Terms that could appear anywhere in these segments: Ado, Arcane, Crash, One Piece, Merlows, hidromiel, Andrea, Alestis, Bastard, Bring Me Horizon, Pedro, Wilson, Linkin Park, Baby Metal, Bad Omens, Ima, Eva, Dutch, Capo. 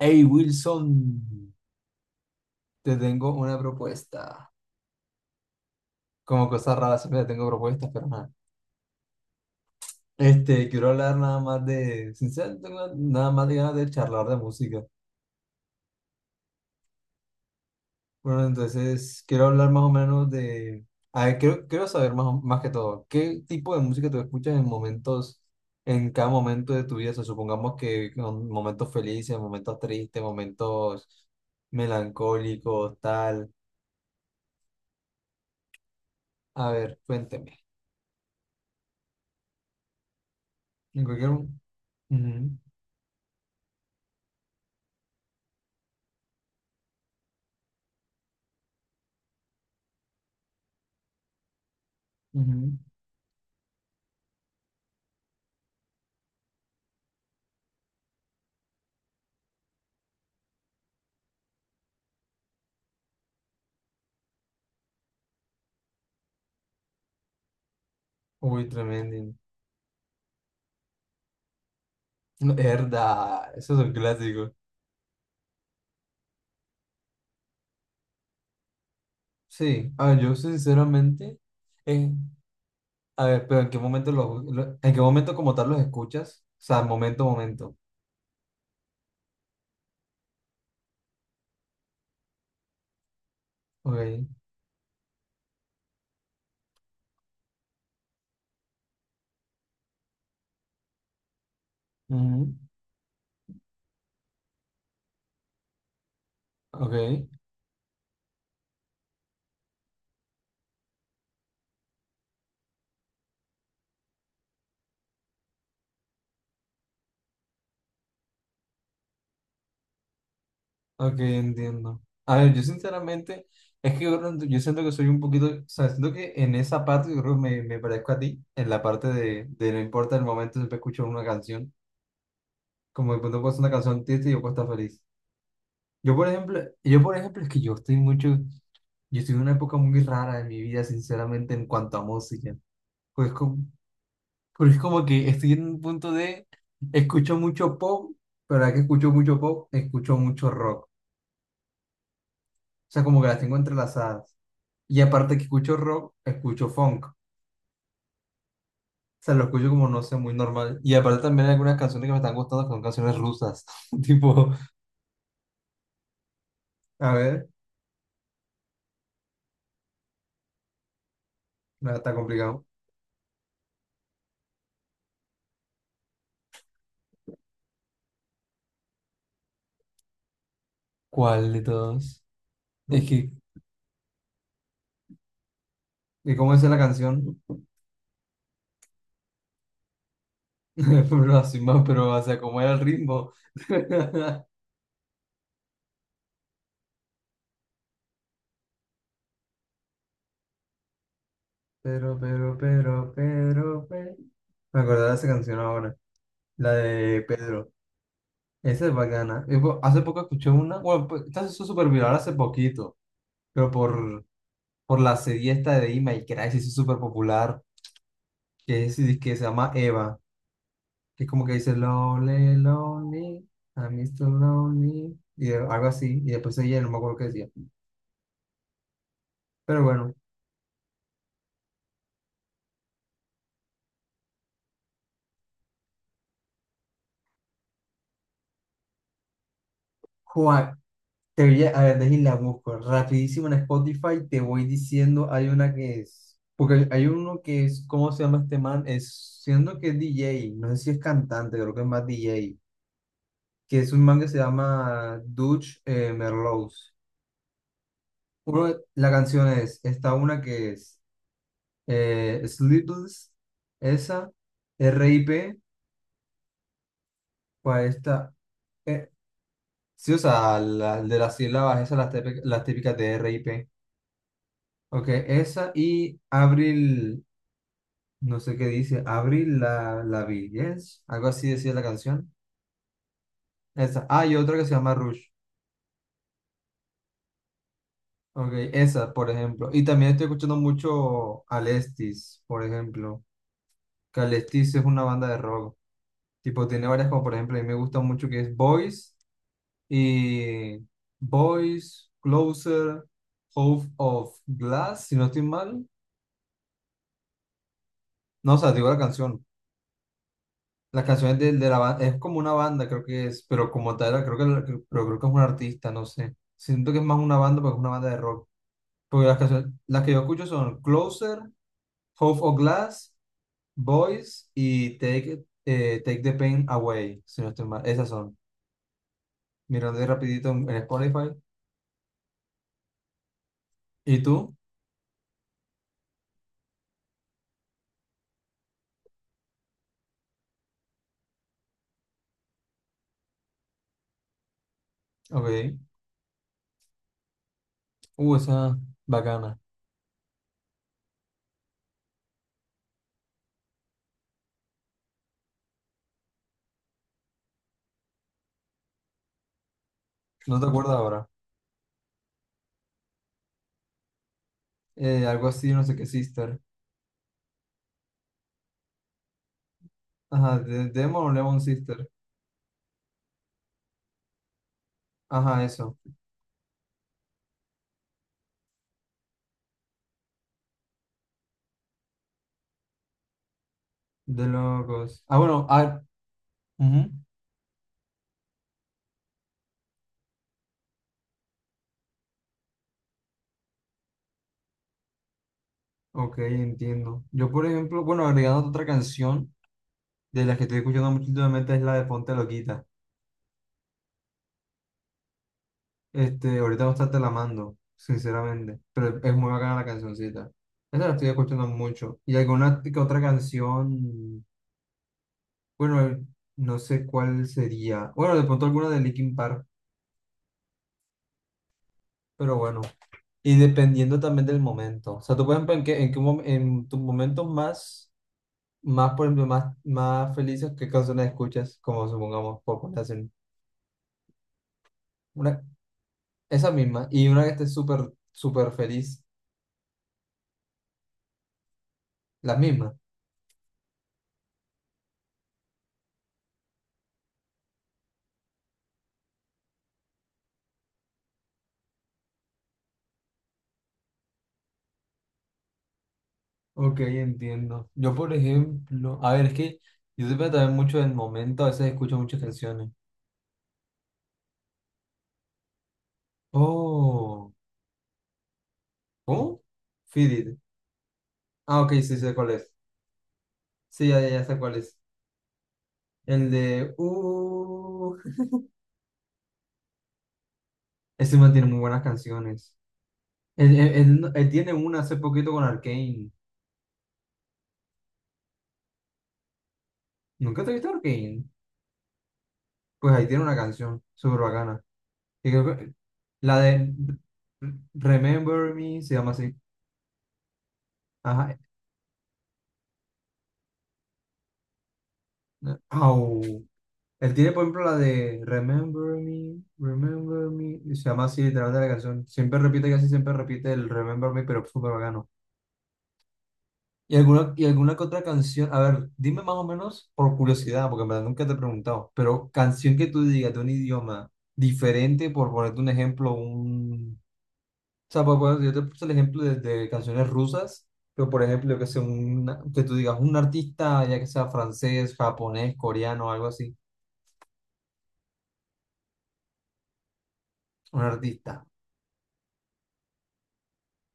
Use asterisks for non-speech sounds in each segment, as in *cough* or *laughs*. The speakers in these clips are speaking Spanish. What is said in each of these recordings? Hey Wilson, te tengo una propuesta. Como cosas raras siempre te tengo propuestas, pero nada. Quiero hablar nada más de, sinceramente, tengo nada más de ganas de charlar de música. Bueno, entonces quiero hablar más o menos de, a ver, quiero saber más, o- más que todo, ¿qué tipo de música tú escuchas en momentos, en cada momento de tu vida? O sea, supongamos que en momentos felices, momentos tristes, momentos melancólicos, tal. A ver, cuénteme. En cualquier... Ujú, ujú. Uy, tremendo. No, verdad, eso es un clásico. Sí, a ver, yo sinceramente, eh, a ver, pero ¿en qué momento en qué momento como tal los escuchas? O sea, momento, momento. Ok, ujú, ok, ok, entiendo. A ver, yo sinceramente, es que yo siento que soy un poquito, o sea, siento que en esa parte yo creo que me parezco a ti, en la parte de no importa el momento, siempre escucho una canción. Como de pronto puedo una canción triste y yo puedo estar feliz. Yo, por ejemplo, es que yo estoy mucho, yo estoy en una época muy rara de mi vida, sinceramente, en cuanto a música. Pues como, porque es como que estoy en un punto de, escucho mucho pop, pero ahora que escucho mucho pop, escucho mucho rock. O sea, como que las tengo entrelazadas. Y aparte que escucho rock, escucho funk. O sea, lo escucho como, no sé, muy normal. Y aparte también hay algunas canciones que me están gustando, que son canciones rusas. *laughs* Tipo, a ver, no, está complicado. ¿Cuál de todos? Es que, ¿y cómo es la canción? *laughs* Pero así más, pero, o sea, como era el ritmo. *laughs* Pero. Me acordé de esa canción ahora, la de Pedro. Esa es bacana. Y po- Hace poco escuché una, bueno, pues, esta se hizo súper viral hace poquito, pero por la serie esta de Ima y Crash se hizo súper popular, que es, que se llama Eva, que es como que dice Lonely, Lonely, I'm Mr. Lonely, y algo así, y después ella no me acuerdo qué decía. Pero bueno, te voy a ver, déjame la busco rapidísimo en Spotify. Te voy diciendo, hay una que es, porque hay uno que es, ¿cómo se llama este man? Es, siendo que es DJ, no sé si es cantante, creo que es más DJ, que es un man que se llama Dutch Merlows. Uno, de- la canción es, está una que es Sleepless, esa, R I P. ¿Cuál está? Eh, sí, o sea, la- de las sílabas, esas las típicas de R I P. Ok, esa y Abril. No sé qué dice. Abril la, la vi. Yes. Algo así decía la canción. Esa. Ah, y otra que se llama Rush. Ok, esa, por ejemplo. Y también estoy escuchando mucho Alestis, por ejemplo. Que Alestis es una banda de rock. Tipo, tiene varias como, por ejemplo, a mí me gusta mucho que es Boys y Boys, Closer, Hope of Glass, si no estoy mal. No, o sea, digo la canción. Las canciones de la banda, es como una banda, creo que es, pero como tal, creo que, la- que- pero creo que es un artista, no sé. Siento que es más una banda, porque es una banda de rock. Porque las canciones, las que yo escucho son Closer, Hope of Glass, Boys y Take, It- Take the Pain Away, si no estoy mal. Esas son. Mirando de rapidito en Spotify. ¿Y tú? Ok. Esa bacana. No te acuerdas ahora. Algo así, no sé qué, Sister. Ajá, de Demon o Lemon Sister. Ajá, eso. De locos. Ah, bueno, ah, ujú. Ok, entiendo. Yo, por ejemplo, bueno, agregando otra canción de las que estoy escuchando mucho últimamente es la de Ponte Loquita. Ahorita no está te la mando, sinceramente, pero es muy bacana la cancioncita. Esa la estoy escuchando mucho. Y alguna que otra canción, bueno, no sé cuál sería. Bueno, de pronto alguna de Linkin Park, pero bueno. Y dependiendo también del momento. O sea, tú, por ejemplo, en qué mom- en tus momentos más. Más, por ejemplo, más, más felices, ¿qué canciones escuchas? Como supongamos, por comparación. Una, esa misma, y una que esté súper, súper feliz, las mismas. Ok, entiendo. Yo, por ejemplo, a ver, es que yo depende también mucho del momento, a veces escucho muchas canciones. Oh, ¿cómo? Feed It. Ah, ok, sí, sé cuál es. Sí, ya sé cuál es. El de... ese man tiene muy buenas canciones. Él, él tiene una hace poquito con Arcane. ¿Nunca te viste Arcane? Pues ahí tiene una canción súper bacana. Y creo que la de Remember Me se llama así. Ajá. Au. Él tiene, por ejemplo, la de Remember Me, Remember Me, y se llama así literalmente la canción. Siempre repite, casi siempre repite el Remember Me, pero súper bacano. Y alguna que otra canción. A ver, dime más o menos por curiosidad, porque en verdad nunca te he preguntado. Pero canción que tú digas de un idioma diferente, por ponerte un ejemplo, un... O sea, pues, pues, yo te puse el ejemplo de canciones rusas, pero por ejemplo, yo que sé, un, que tú digas un artista, ya que sea francés, japonés, coreano, algo así, un artista,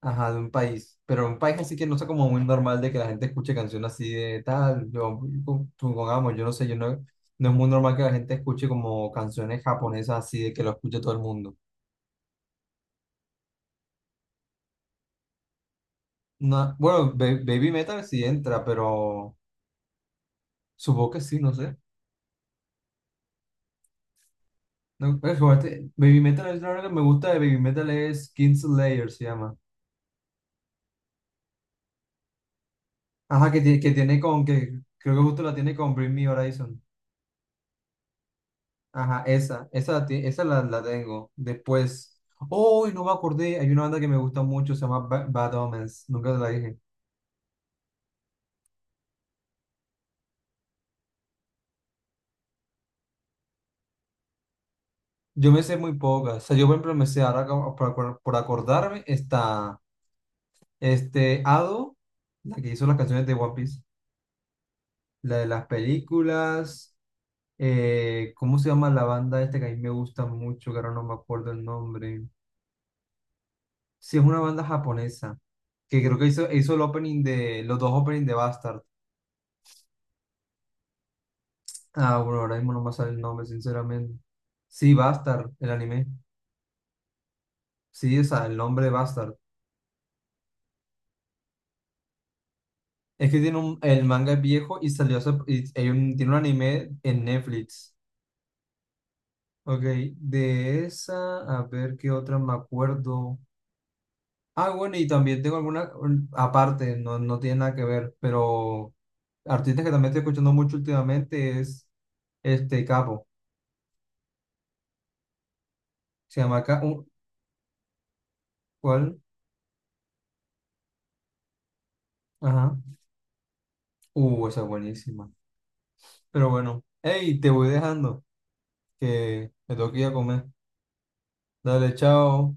ajá, de un país, pero un país así que no sea como muy normal de que la gente escuche canciones así de tal, yo, con- supongamos, yo no sé, yo no, no es muy normal que la gente escuche como canciones japonesas así de que lo escuche todo el mundo. No, bueno, ba- Baby Metal sí entra, pero supongo que sí, no sé. No, pues, jugaste- Baby Metal es lo que me gusta de Baby Metal es Kingslayer, se llama. Ajá, que tiene con, que creo que justo la tiene con Bring Me Horizon. Ajá, esa, la ti- esa la, la tengo. Después, oh, no me acordé, hay una banda que me gusta mucho, se llama Ba- Bad Omens, nunca te la dije. Yo me sé muy pocas, o sea, yo por ejemplo me sé ahora como por, acor- por acordarme, está este Ado, la que hizo las canciones de One Piece, la de las películas. ¿Cómo se llama la banda esta que a mí me gusta mucho? Que ahora no me acuerdo el nombre. Sí, es una banda japonesa que creo que hizo el opening de, los dos openings de Bastard. Ah, bueno, ahora mismo no me sale el nombre, sinceramente. Sí, Bastard, el anime. Sí, o sea, el nombre de Bastard. Es que tiene un, el manga es viejo y salió, hace- y hay un- tiene un anime en Netflix. Ok, de esa, a ver qué otra me acuerdo. Ah, bueno, y también tengo alguna, un- aparte, no, no tiene nada que ver, pero artistas que también estoy escuchando mucho últimamente es este Capo. Se llama Capo. ¿Cuál? Ajá. Esa es buenísima. Pero bueno, hey, te voy dejando, que me tengo que ir a comer. Dale, chao.